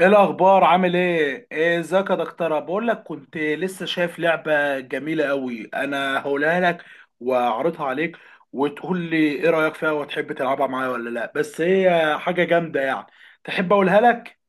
ايه الاخبار؟ عامل ايه؟ ايه، ازيك يا دكتوره؟ بقول لك، كنت لسه شايف لعبه جميله قوي، انا هقولها لك واعرضها عليك، وتقول لي ايه رايك فيها وتحب تلعبها معايا ولا لا، بس هي حاجه جامده يعني. تحب اقولها لك؟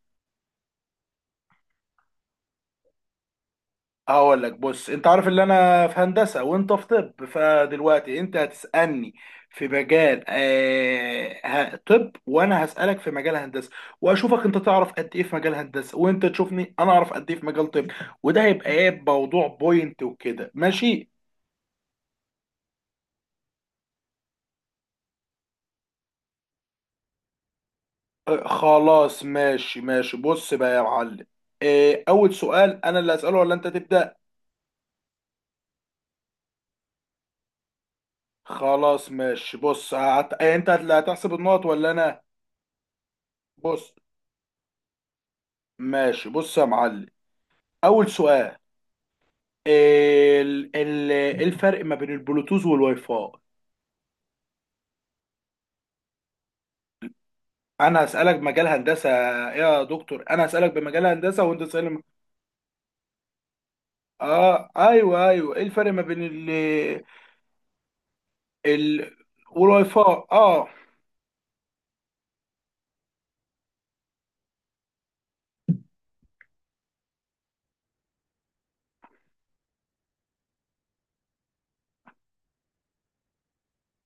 هقول لك، بص، انت عارف ان انا في هندسه وانت في طب، فدلوقتي انت هتسالني في مجال طب، وانا هسالك في مجال هندسه، واشوفك انت تعرف قد ايه في مجال هندسه، وانت تشوفني انا اعرف قد ايه في مجال طب. وده هيبقى ايه، موضوع بوينت وكده، ماشي؟ آه، خلاص، ماشي ماشي، بص بقى يا معلم. آه، اول سؤال، انا اللي هساله ولا انت تبدا؟ خلاص، ماشي، بص انت اللي هتحسب النقط ولا انا؟ بص. ماشي، بص يا معلم. اول سؤال، ال ال ايه الفرق ما بين البلوتوث والواي فاي؟ انا هسالك مجال هندسه. يا دكتور، انا هسالك بمجال هندسه وانت تسالني. اه ايوه، ايوه، ايه الفرق ما بين ال والواي فاي؟ اه،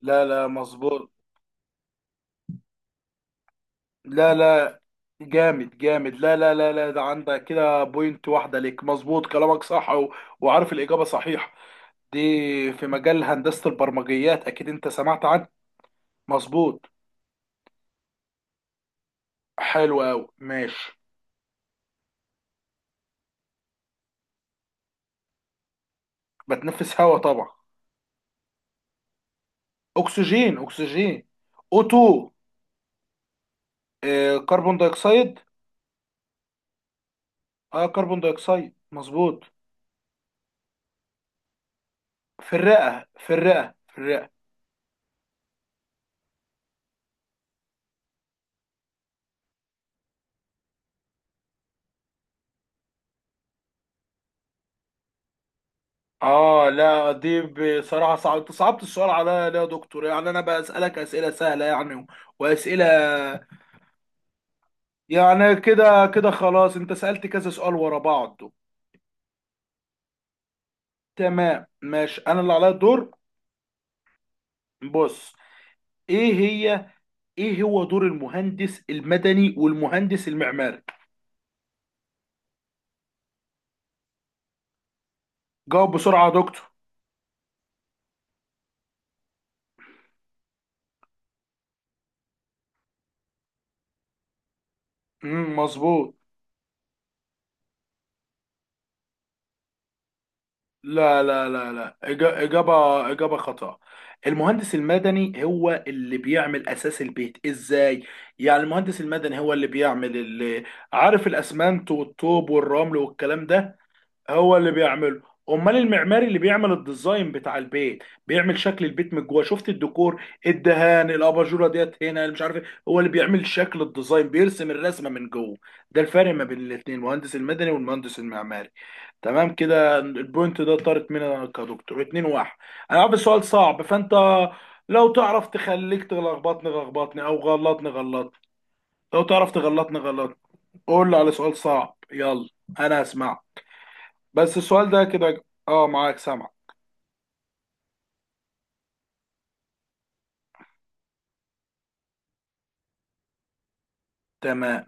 لا لا، مظبوط. لا لا، جامد جامد، لا لا لا لا، ده عندك كده بوينت واحده ليك، مظبوط كلامك صح، وعارف الاجابه صحيحه دي، في مجال هندسه البرمجيات، اكيد انت سمعت عنه. مظبوط. حلو قوي، ماشي. بتنفس هواء طبعا. اكسجين، اكسجين. O2. كربون دايوكسيد. اه، كربون دايوكسيد، مظبوط. في الرئة، في الرئة، في الرئة. اه، لا دي، بصراحة صعبت السؤال عليا، ليه يا دكتور؟ يعني انا بسألك اسئلة سهلة يعني، واسئلة. يعني كده كده، خلاص، انت سألت كذا سؤال ورا بعض. تمام، ماشي، انا اللي عليا الدور. بص. ايه هي ايه هو دور المهندس المدني والمهندس المعماري؟ جاوب بسرعة يا دكتور. مظبوط. لا لا لا لا، إجابة خاطئة. المهندس المدني هو اللي بيعمل أساس البيت إزاي؟ يعني المهندس المدني هو اللي بيعمل اللي، عارف، الأسمنت والطوب والرمل والكلام ده، هو اللي بيعمله. امال المعماري اللي بيعمل الديزاين بتاع البيت، بيعمل شكل البيت من جوه، شفت، الديكور، الدهان، الاباجوره ديت هنا اللي مش عارف ايه، هو اللي بيعمل شكل الديزاين، بيرسم الرسمه من جوه. ده الفرق ما بين الاثنين، المهندس المدني والمهندس المعماري. تمام، كده البوينت ده طارت منها، كدكتور اتنين واحد. انا عارف السؤال صعب، فانت لو تعرف تخليك تلخبطني لخبطني، او غلطني غلطني. لو تعرف تغلطني غلطني. قول لي على سؤال صعب، يلا، انا هسمعك. بس السؤال ده كده، معاك، سامع. تمام.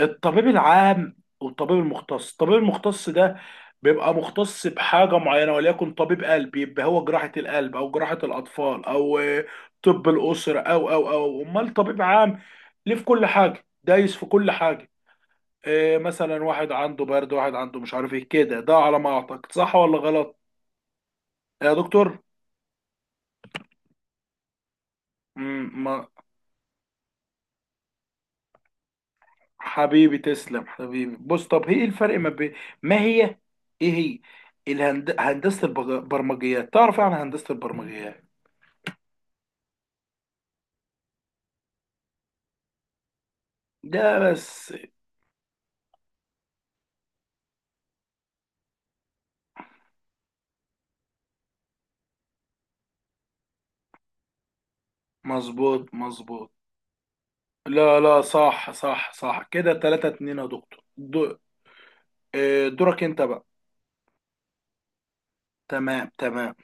الطبيب العام والطبيب المختص. الطبيب المختص ده بيبقى مختص بحاجة معينة، وليكن طبيب قلب، يبقى هو جراحة القلب، أو جراحة الأطفال، أو طب الأسرة. أو أمال طبيب عام، ليه في كل حاجة دايس، في كل حاجة؟ إيه، مثلا واحد عنده برد، واحد عنده مش عارف ايه كده. ده على ما أعتقد، صح ولا غلط يا دكتور؟ مم، ما. حبيبي، تسلم حبيبي. بص، طب هي ايه الفرق ما بين، ما هي، ايه هي، هندسة البرمجيات، تعرف يعني إيه هندسة البرمجيات؟ ده بس. مظبوط مظبوط. لا لا، صح صح صح، كده تلاتة اتنين يا دكتور، آه، دورك انت بقى. تمام تمام.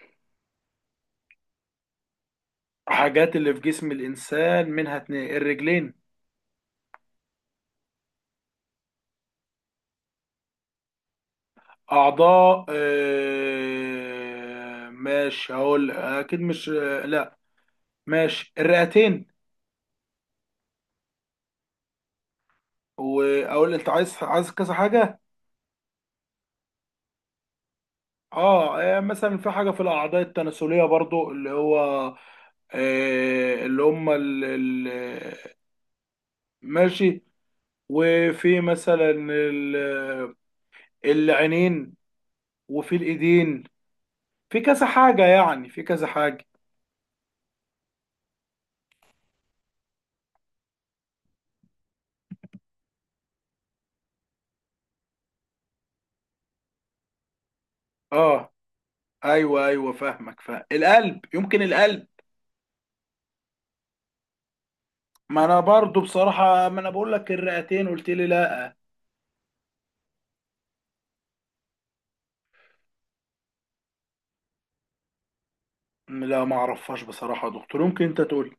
حاجات اللي في جسم الإنسان منها اتنين، الرجلين. أعضاء. ماشي، هقول أكيد مش، آه، لا. ماشي، الرئتين. واقول انت عايز، كذا حاجه. اه، مثلا في حاجه في الاعضاء التناسليه برضو، اللي هو اللي هم ماشي، وفي مثلا العينين، وفي الايدين. في كذا حاجه يعني، في كذا حاجه. اه، ايوه ايوه، فاهمك، فاهم، القلب، يمكن القلب. ما انا برضو بصراحه، ما انا بقول لك الرئتين، قلت لي لا. لا، ما اعرفهاش بصراحه يا دكتور، يمكن انت تقول.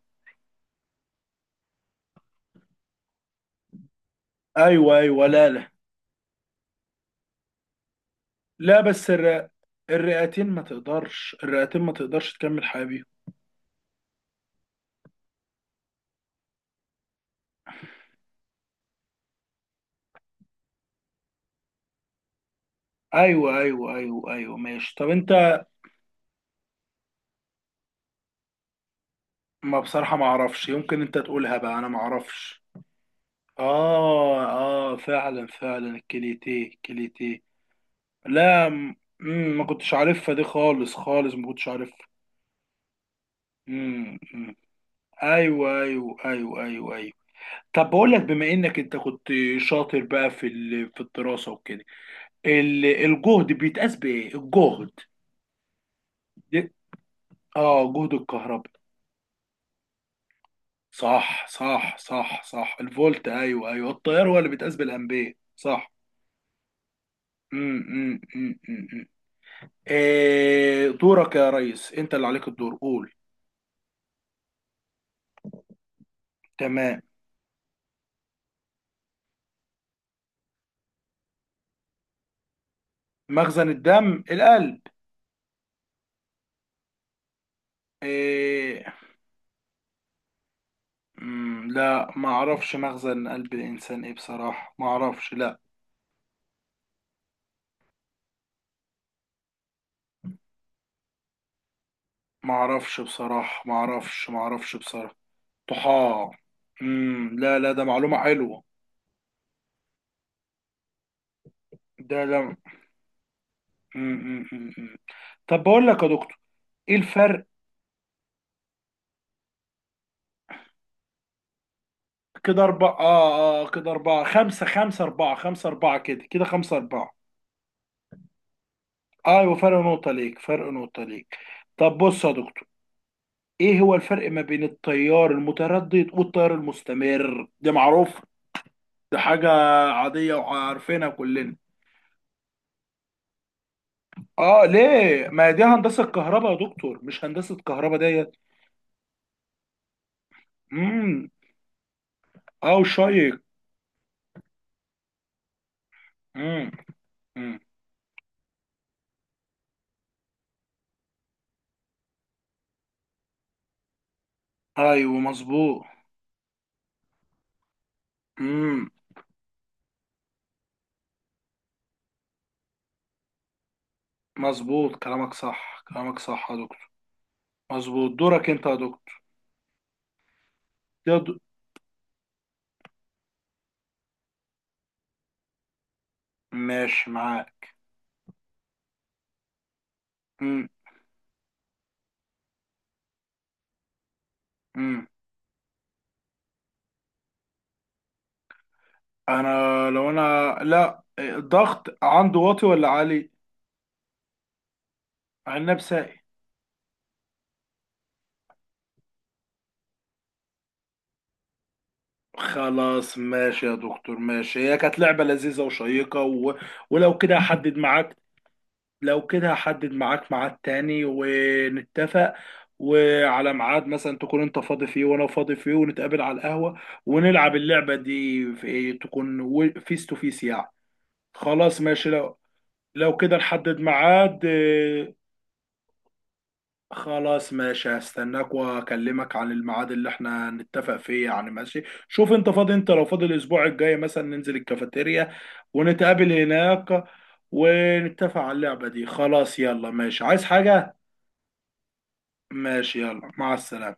ايوه ايوه، لا لا، لا بس الرئتين ما تقدرش، الرئتين ما تقدرش تكمل حياة بيهم. ايوه ايوه ايوه ايوه، ماشي، طب انت. ما بصراحة ما اعرفش، يمكن انت تقولها بقى، انا ما اعرفش. اه اه، فعلا فعلا، الكليتيه الكليتيه. لا، م... مم، ما كنتش عارفها دي خالص، خالص ما كنتش عارفها. مم، مم. ايوه ايوه ايوه ايوه ايوه. طب بقول لك، بما انك انت كنت شاطر بقى في في الدراسة وكده، الجهد بيتقاس بايه، الجهد؟ اه، جهد الكهرباء. صح صح صح صح، الفولت، ايوه ايوه، التيار هو اللي بيتقاس بالامبير، صح. امم امم امم امم إيه دورك يا ريس؟ انت اللي عليك الدور، قول. تمام. مخزن الدم، القلب. إيه؟ لا، ما اعرفش مخزن قلب الانسان ايه، بصراحة ما اعرفش، لا. ما اعرفش بصراحة، ما اعرفش، ما اعرفش بصراحة. طحال. لا لا، ده معلومة حلوة. ده، إمم. طب بقول لك يا دكتور، ايه الفرق؟ كده اربعة، كده اربعة خمسة، خمسة اربعة، خمسة اربعة، كده كده خمسة اربعة. ايوه، فرق نقطة ليك، فرق نقطة ليك. طب بص يا دكتور، ايه هو الفرق ما بين التيار المتردد والتيار المستمر؟ ده معروف، ده حاجة عادية وعارفينها كلنا. اه، ليه؟ ما دي هندسة كهرباء يا دكتور، مش هندسة كهرباء ديت؟ امم. اه، شيق. امم. امم. ايوه، مظبوط. امم. مظبوط كلامك صح، كلامك صح يا دكتور. مظبوط. دورك انت يا دكتور. يا د... ماشي معاك. مم. مم. انا لو انا، لا، الضغط عنده واطي ولا عالي؟ عناب ساقي. خلاص، ماشي يا دكتور. ماشي، هي كانت لعبة لذيذة وشيقة. ولو كده هحدد معاك، لو كده هحدد معاك ميعاد تاني ونتفق، وعلى ميعاد مثلا تكون انت فاضي فيه وانا فاضي فيه، ونتقابل على القهوة، ونلعب اللعبة دي في إيه؟ تكون فيس تو فيس يعني. خلاص، ماشي. لو كده نحدد ميعاد. خلاص، ماشي، هستناك واكلمك عن الميعاد اللي احنا نتفق فيه يعني، ماشي. شوف انت فاضي، انت لو فاضي الاسبوع الجاي مثلا، ننزل الكافيتيريا ونتقابل هناك، ونتفق على اللعبة دي. خلاص، يلا، ماشي. عايز حاجة؟ ماشي، يلا، مع السلامة.